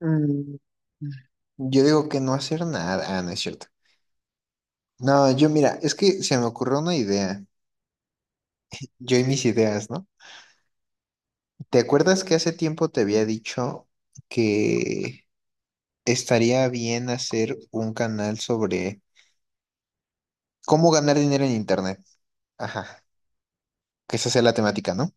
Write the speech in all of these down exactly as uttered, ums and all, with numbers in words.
Mm, Yo digo que no hacer nada. Ah, no es cierto. No, yo mira, es que se me ocurrió una idea. Yo y mis ideas, ¿no? ¿Te acuerdas que hace tiempo te había dicho que estaría bien hacer un canal sobre cómo ganar dinero en Internet? Ajá, que esa sea la temática, ¿no?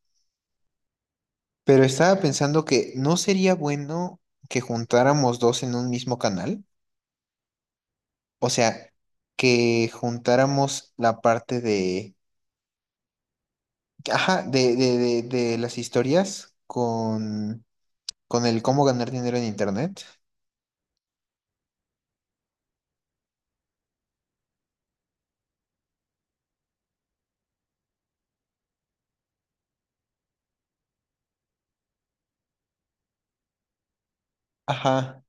Pero estaba pensando que no sería bueno que juntáramos dos en un mismo canal. O sea, que juntáramos la parte de ajá, de, de, de, de las historias con, con el cómo ganar dinero en internet. Ajá,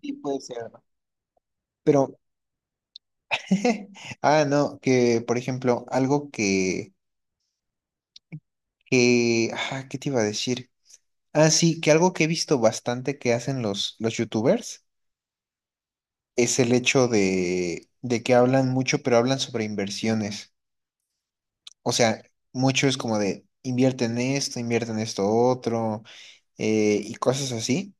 sí puede ser. Pero, ah, no, que por ejemplo, algo que, que, ah, ¿qué te iba a decir? Ah, sí, que algo que he visto bastante que hacen los, los youtubers es el hecho de, de que hablan mucho, pero hablan sobre inversiones. O sea, mucho es como de invierte en esto, invierte en esto otro, eh, y cosas así,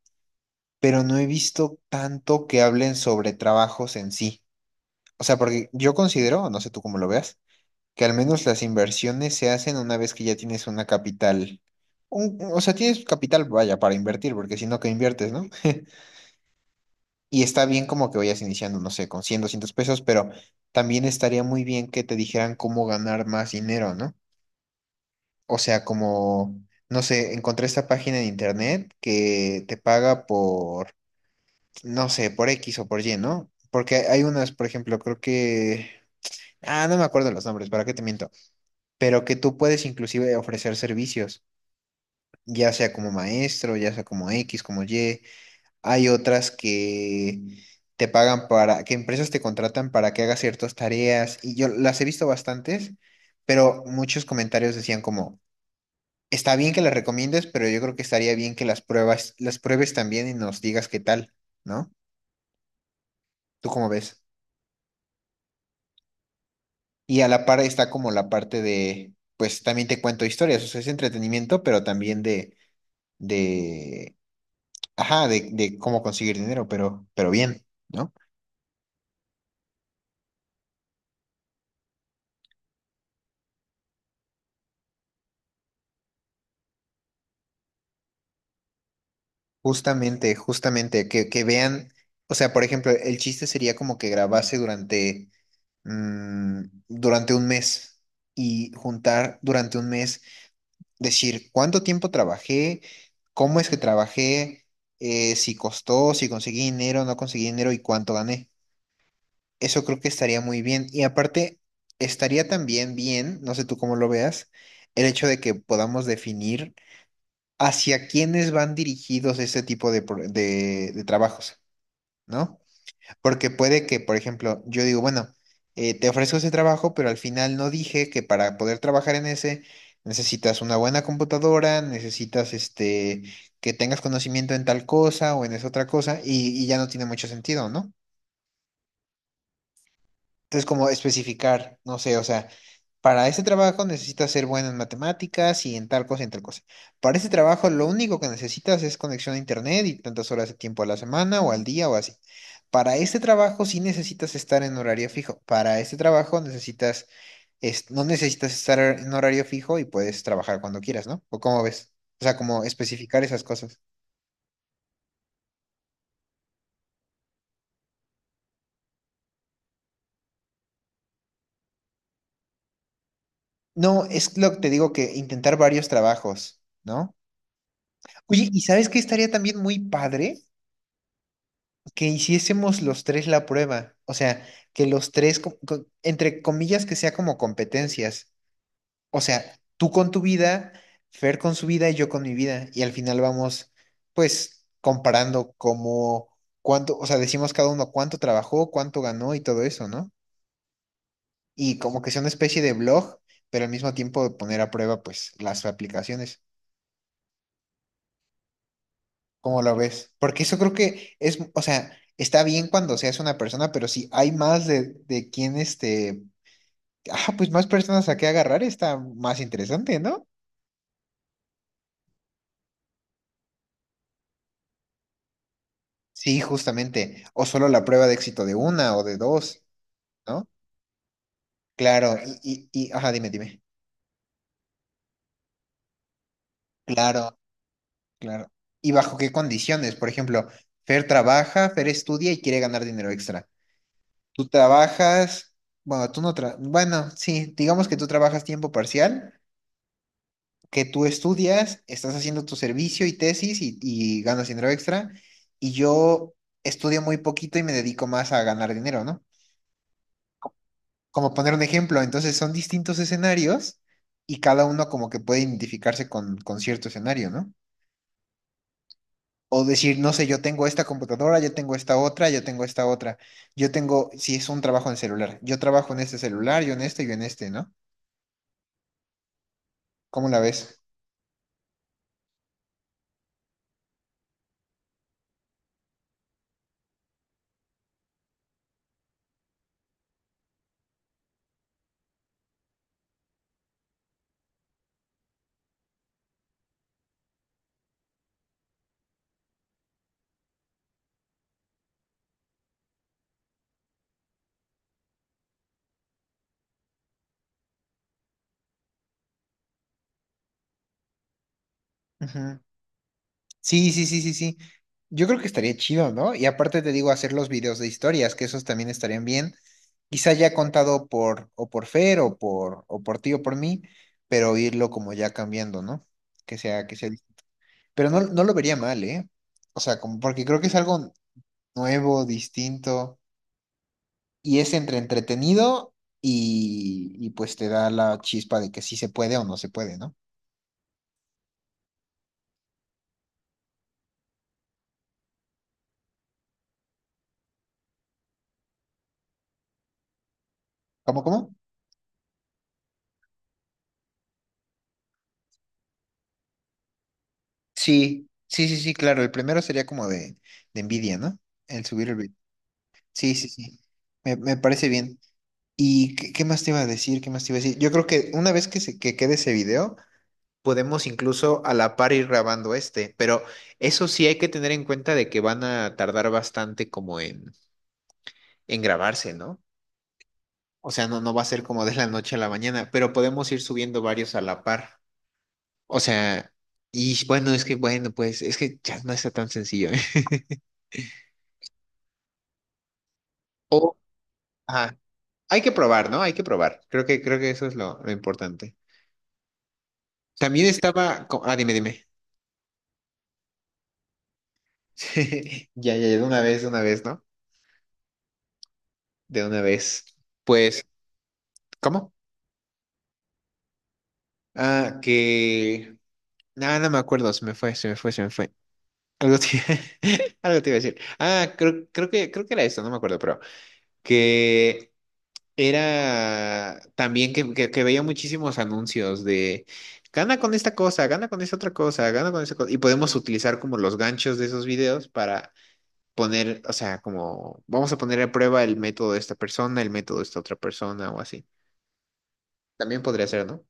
pero no he visto tanto que hablen sobre trabajos en sí. O sea, porque yo considero, no sé tú cómo lo veas, que al menos las inversiones se hacen una vez que ya tienes una capital. Un- o sea, tienes capital, vaya, para invertir, porque si no, ¿qué inviertes, no? Y está bien como que vayas iniciando, no sé, con cien, doscientos pesos, pero también estaría muy bien que te dijeran cómo ganar más dinero, ¿no? O sea, como, no sé, encontré esta página en internet que te paga por no sé, por X o por Y, ¿no? Porque hay unas, por ejemplo, creo que... Ah, no me acuerdo los nombres, ¿para qué te miento? Pero que tú puedes inclusive ofrecer servicios, ya sea como maestro, ya sea como X, como Y. Hay otras que te pagan para, que empresas te contratan para que hagas ciertas tareas. Y yo las he visto bastantes, pero muchos comentarios decían como, está bien que las recomiendes, pero yo creo que estaría bien que las pruebas, las pruebes también y nos digas qué tal, ¿no? ¿Tú cómo ves? Y a la par está como la parte de, pues también te cuento historias, o sea, es entretenimiento, pero también de, de, ajá, de, de cómo conseguir dinero, pero, pero bien, ¿no? Justamente, justamente, que, que vean, o sea, por ejemplo, el chiste sería como que grabase durante, mm, durante un mes y juntar durante un mes, decir cuánto tiempo trabajé, cómo es que trabajé, eh, si costó, si conseguí dinero, no conseguí dinero y cuánto gané. Eso creo que estaría muy bien. Y aparte, estaría también bien, no sé tú cómo lo veas, el hecho de que podamos definir hacia quiénes van dirigidos este tipo de, pro- de- de trabajos, ¿no? Porque puede que, por ejemplo, yo digo, bueno, eh, te ofrezco ese trabajo, pero al final no dije que para poder trabajar en ese necesitas una buena computadora, necesitas este, que tengas conocimiento en tal cosa o en esa otra cosa, y, y ya no tiene mucho sentido, ¿no? Entonces, como especificar, no sé, o sea, para este trabajo necesitas ser bueno en matemáticas y en tal cosa y en tal cosa. Para este trabajo lo único que necesitas es conexión a internet y tantas horas de tiempo a la semana o al día o así. Para este trabajo sí necesitas estar en horario fijo. Para este trabajo necesitas, es- no necesitas estar en horario fijo y puedes trabajar cuando quieras, ¿no? ¿O cómo ves? O sea, como especificar esas cosas. No, es lo que te digo, que intentar varios trabajos, ¿no? Oye, ¿y sabes qué estaría también muy padre? Que hiciésemos los tres la prueba, o sea, que los tres, co- co- entre comillas, que sea como competencias, o sea, tú con tu vida, Fer con su vida y yo con mi vida, y al final vamos, pues, comparando como cuánto, o sea, decimos cada uno cuánto trabajó, cuánto ganó y todo eso, ¿no? Y como que sea una especie de blog, pero al mismo tiempo poner a prueba, pues, las aplicaciones, ¿cómo lo ves? Porque eso creo que es, o sea... Está bien cuando seas una persona, pero si hay más de, de quién este, ah, pues más personas a qué agarrar está más interesante, ¿no? Sí, justamente. O solo la prueba de éxito de una o de dos, ¿no? Claro, y, y, y- ajá, dime, dime. Claro, claro. ¿Y bajo qué condiciones? Por ejemplo, Fer trabaja, Fer estudia y quiere ganar dinero extra. Tú trabajas, bueno, tú no tra- bueno, sí, digamos que tú trabajas tiempo parcial, que tú estudias, estás haciendo tu servicio y tesis y, y ganas dinero extra, y yo estudio muy poquito y me dedico más a ganar dinero, ¿no? Como poner un ejemplo, entonces son distintos escenarios y cada uno como que puede identificarse con, con cierto escenario, ¿no? O decir, no sé, yo tengo esta computadora, yo tengo esta otra, yo tengo esta otra, yo tengo, si es un trabajo en celular, yo trabajo en este celular, yo en este, yo en este, ¿no? ¿Cómo la ves? Ujú. Sí, sí, sí, sí, sí. Yo creo que estaría chido, ¿no? Y aparte te digo, hacer los videos de historias, que esos también estarían bien, quizá ya contado por o por Fer o por o por ti o por mí, pero irlo como ya cambiando, ¿no? Que sea que sea, dis- pero no, no lo vería mal, ¿eh? O sea, como porque creo que es algo nuevo, distinto y es entre entretenido y y pues te da la chispa de que sí se puede o no se puede, ¿no? ¿Cómo cómo? Sí. Sí, sí, sí, claro, el primero sería como de de envidia, ¿no? El subir el beat. Sí, sí, sí. Me, me parece bien. ¿Y qué, qué más te iba a decir? ¿Qué más te iba a decir? Yo creo que una vez que, se, que quede ese video, podemos incluso a la par ir grabando este, pero eso sí hay que tener en cuenta de que van a tardar bastante como en, en grabarse, ¿no? O sea, no, no va a ser como de la noche a la mañana, pero podemos ir subiendo varios a la par. O sea, y bueno, es que bueno, pues es que ya no está tan sencillo, ¿eh? O, ajá, hay que probar, ¿no? Hay que probar. Creo que, creo que eso es lo, lo importante. También estaba, co- ah, dime, dime. Ya, ya, ya, de una vez, de una vez, ¿no? De una vez. Pues, ¿cómo? Ah, que... Nada, no me acuerdo, se me fue, se me fue, se me fue. Algo te, algo te iba a decir. Ah, creo, creo que, creo que era esto, no me acuerdo, pero que era también que, que, que veía muchísimos anuncios de gana con esta cosa, gana con esta otra cosa, gana con esa cosa. Y podemos utilizar como los ganchos de esos videos para poner, o sea, como vamos a poner a prueba el método de esta persona, el método de esta otra persona o así. También podría ser, ¿no?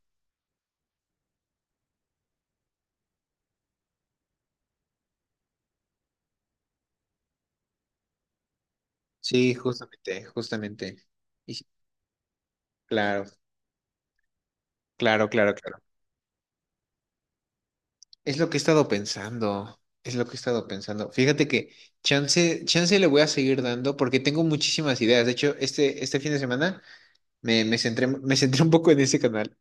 Sí, justamente, justamente. Y sí, claro, claro, claro, claro. Es lo que he estado pensando, es lo que he estado pensando. Fíjate que chance, chance le voy a seguir dando porque tengo muchísimas ideas. De hecho, este, este fin de semana me, me centré, me centré un poco en ese canal.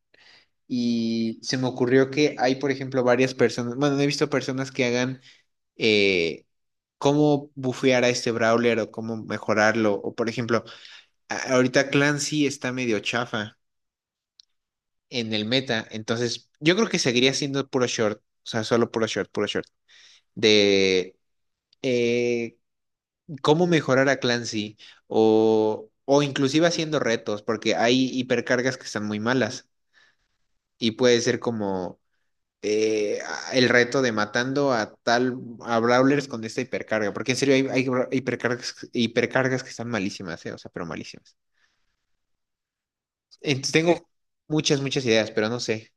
Y se me ocurrió que hay, por ejemplo, varias personas, bueno, no he visto personas que hagan eh, cómo bufear a este brawler o cómo mejorarlo. O, por ejemplo, a- ahorita Clancy está medio chafa en el meta, entonces yo creo que seguiría siendo puro short, o sea, solo puro short, puro short, de eh, cómo mejorar a Clancy o, o inclusive haciendo retos, porque hay hipercargas que están muy malas y puede ser como eh, el reto de matando a tal, a Brawlers con esta hipercarga, porque en serio hay, hay bra- hipercargas, hipercargas que están malísimas, eh, o sea, pero malísimas. Entonces sí, tengo muchas, muchas ideas, pero no sé.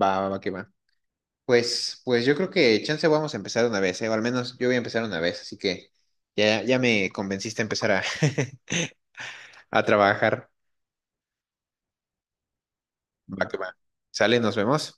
Va, va, va, que va. Pues, pues yo creo que chance vamos a empezar una vez, eh, o al menos yo voy a empezar una vez, así que ya, ya me convenciste a empezar a, a trabajar. Va, que va. Sale, nos vemos.